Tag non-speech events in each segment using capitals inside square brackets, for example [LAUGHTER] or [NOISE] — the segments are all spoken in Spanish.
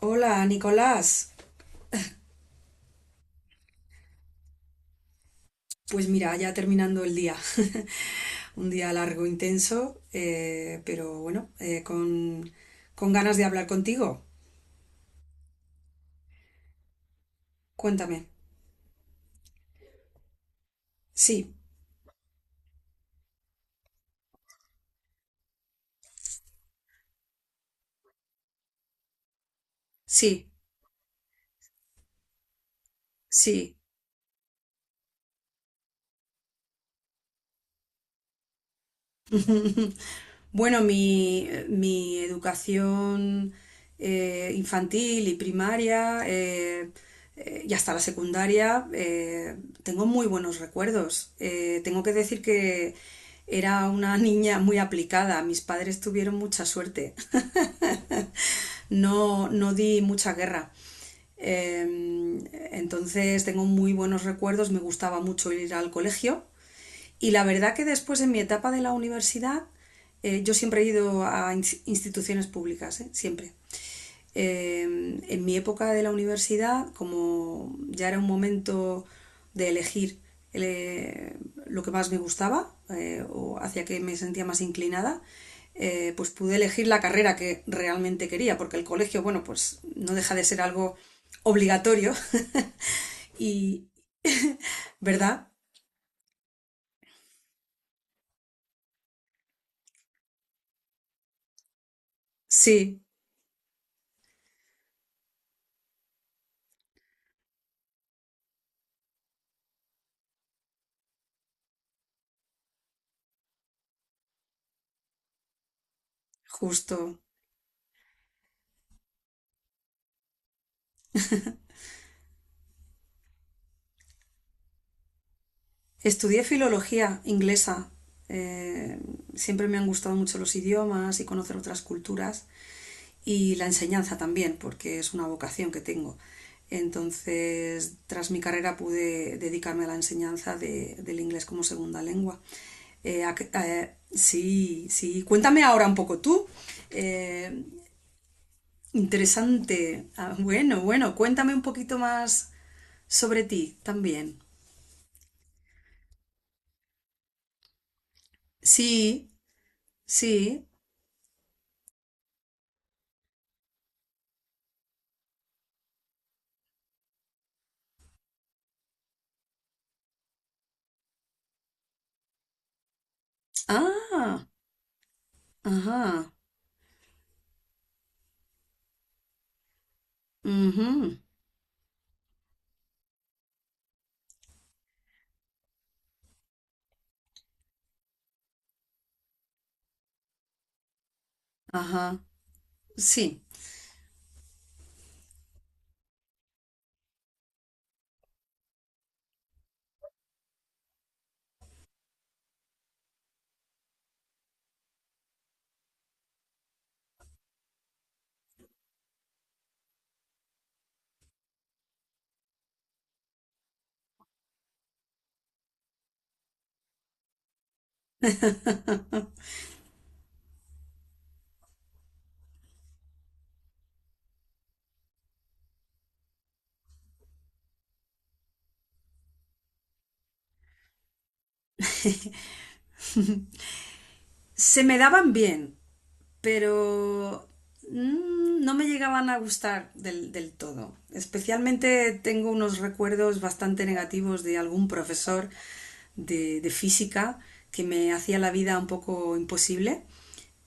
Hola, Nicolás. Pues mira, ya terminando el día. [LAUGHS] Un día largo, intenso, pero bueno, con ganas de hablar contigo. Cuéntame. Sí, sí, sí. [LAUGHS] Bueno, mi educación infantil y primaria y hasta la secundaria tengo muy buenos recuerdos. Tengo que decir que era una [LAUGHS] niña muy aplicada. Mis padres tuvieron mucha suerte. No, no di mucha guerra. Em, entonces tengo muy buenos recuerdos. Me gustaba mucho ir al colegio. Y la verdad que después en mi etapa de la universidad, yo siempre he ido a instituciones públicas, ¿eh? Siempre. Eh, en mi época de la universidad, como ya era un momento de elegir el, eh, lo que más me gustaba o hacia que me sentía más inclinada, pues pude elegir la carrera que realmente quería, porque el colegio, bueno, pues no deja de ser algo obligatorio, [LAUGHS] y, ¿verdad? Sí, justo. Estudié filología inglesa. eh, Siempre me han gustado mucho los idiomas y conocer otras culturas y la enseñanza también, porque es una vocación que tengo. Entonces, tras mi carrera pude dedicarme a la enseñanza de- del inglés como segunda lengua. Eh, sí, sí. Cuéntame ahora un poco tú. Eh, interesante. Ah, bueno, bueno, cuéntame un poquito más sobre ti también. Sí, sí. Ah. Ajá. Ujú. Ajá. Sí. [LAUGHS] Se me daban bien. Pero no me llegaban a gustar del todo. Especialmente tengo unos recuerdos bastante negativos de algún profesor de física que me hacía la vida un poco imposible.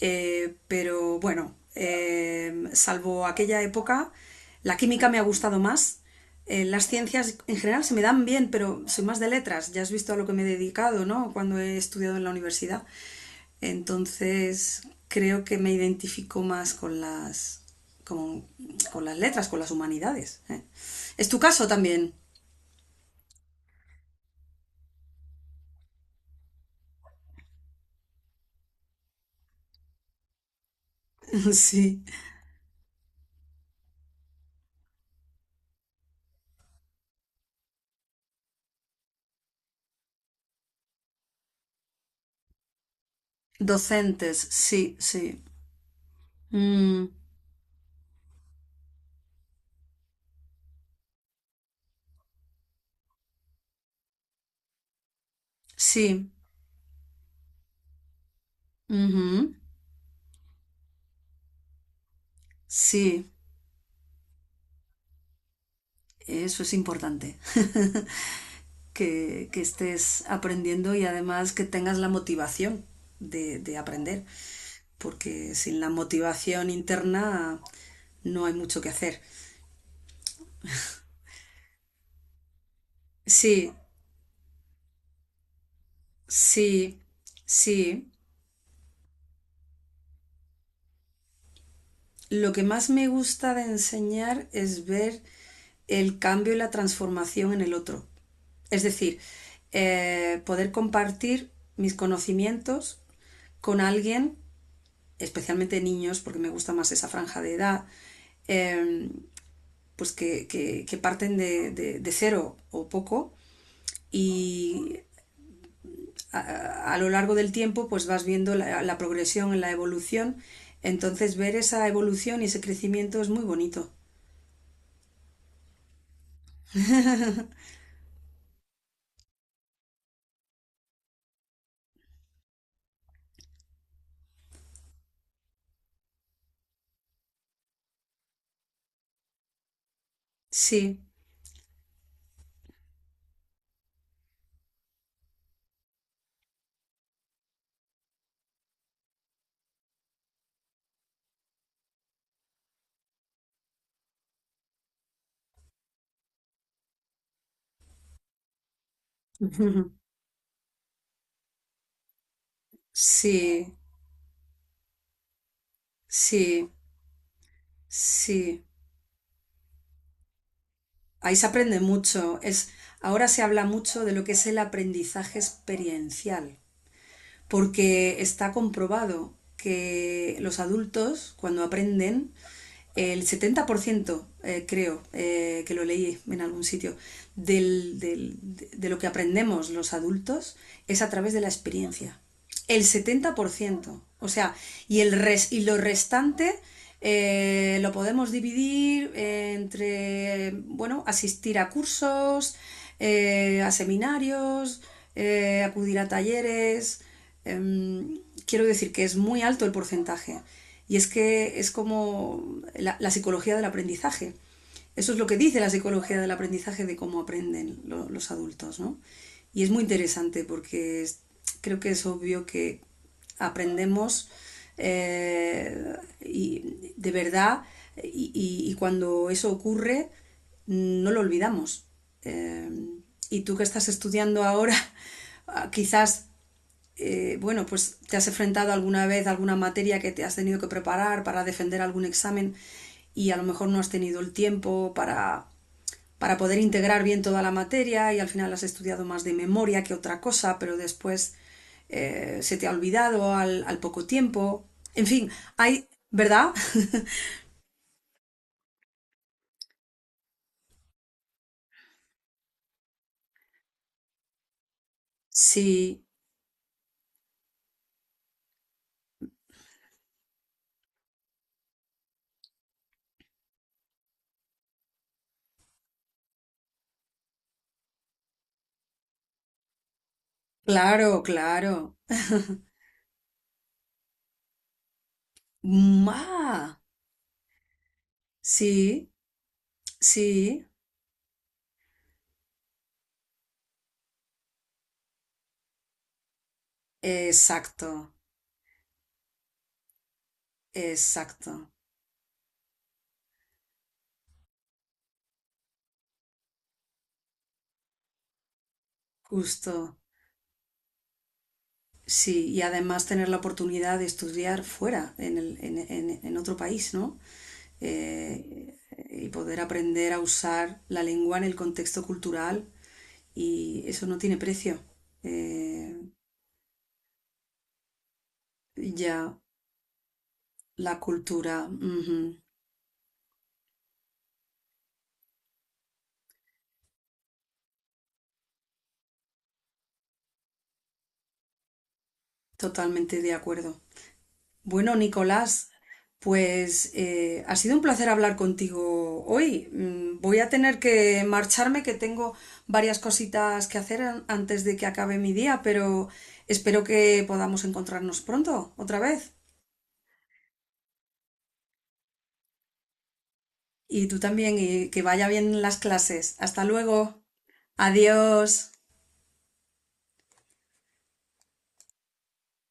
Pero bueno, salvo aquella época, la química me ha gustado más. Las ciencias en general se me dan bien, pero soy más de letras. Ya has visto a lo que me he dedicado, ¿no? Cuando he estudiado en la universidad. Entonces creo que me identifico más con con, con las letras, con las humanidades. ¿Eh? ¿Es tu caso también? [LAUGHS] Sí. Docentes, sí, sí. Mm, sí. Ujú. Sí. Eso es importante, [LAUGHS] que estés aprendiendo y además que tengas la motivación de aprender, porque sin la motivación interna no hay mucho que hacer. Sí, sí, sí. Lo que más me gusta de enseñar es ver el cambio y la transformación en el otro. Es decir, poder compartir mis conocimientos con alguien, especialmente niños, porque me gusta más esa franja de edad, eh, pues que, que parten de, de cero o poco y lo largo del tiempo pues vas viendo la progresión, en la evolución. Entonces ver esa evolución y ese crecimiento es muy bonito. Sí, [LAUGHS] sí, sí, sí. Ahí se aprende mucho. Es, ahora se habla mucho de lo que es el aprendizaje experiencial, porque está comprobado que los adultos, cuando aprenden, el 70%, creo que lo leí en algún sitio, de lo que aprendemos los adultos es a través de la experiencia. El 70%. O sea, y lo restante lo podemos dividir entre, bueno, asistir a cursos, a seminarios, acudir a talleres, quiero decir que es muy alto el porcentaje. Y es que es como psicología del aprendizaje. Eso es lo que dice la psicología del aprendizaje de cómo aprenden los adultos, ¿no? Y es muy interesante porque es, creo que es obvio que aprendemos eh, de verdad, cuando eso ocurre no lo olvidamos. Eh, y tú que estás estudiando ahora, [LAUGHS] quizás, bueno, pues te has enfrentado alguna vez a alguna materia que te has tenido que preparar para defender algún examen y a lo mejor no has tenido el tiempo para poder integrar bien toda la materia y al final has estudiado más de memoria que otra cosa, pero después se te ha olvidado al poco tiempo. En fin, hay, ¿verdad? Sí, claro, claro. Ma, sí, sí, exacto, exacto, justo. Sí, y además tener la oportunidad de estudiar fuera, en, en otro país, ¿no? Eh, y poder aprender a usar la lengua en el contexto cultural y eso no tiene precio. Eh, ya, la cultura, ujú, totalmente de acuerdo. Bueno, Nicolás, pues ha sido un placer hablar contigo hoy. Mm, voy a tener que marcharme, que tengo varias cositas que hacer an- antes de que acabe mi día, pero espero que podamos encontrarnos pronto, otra vez. Y tú también, y que vaya bien las clases. Hasta luego. Adiós.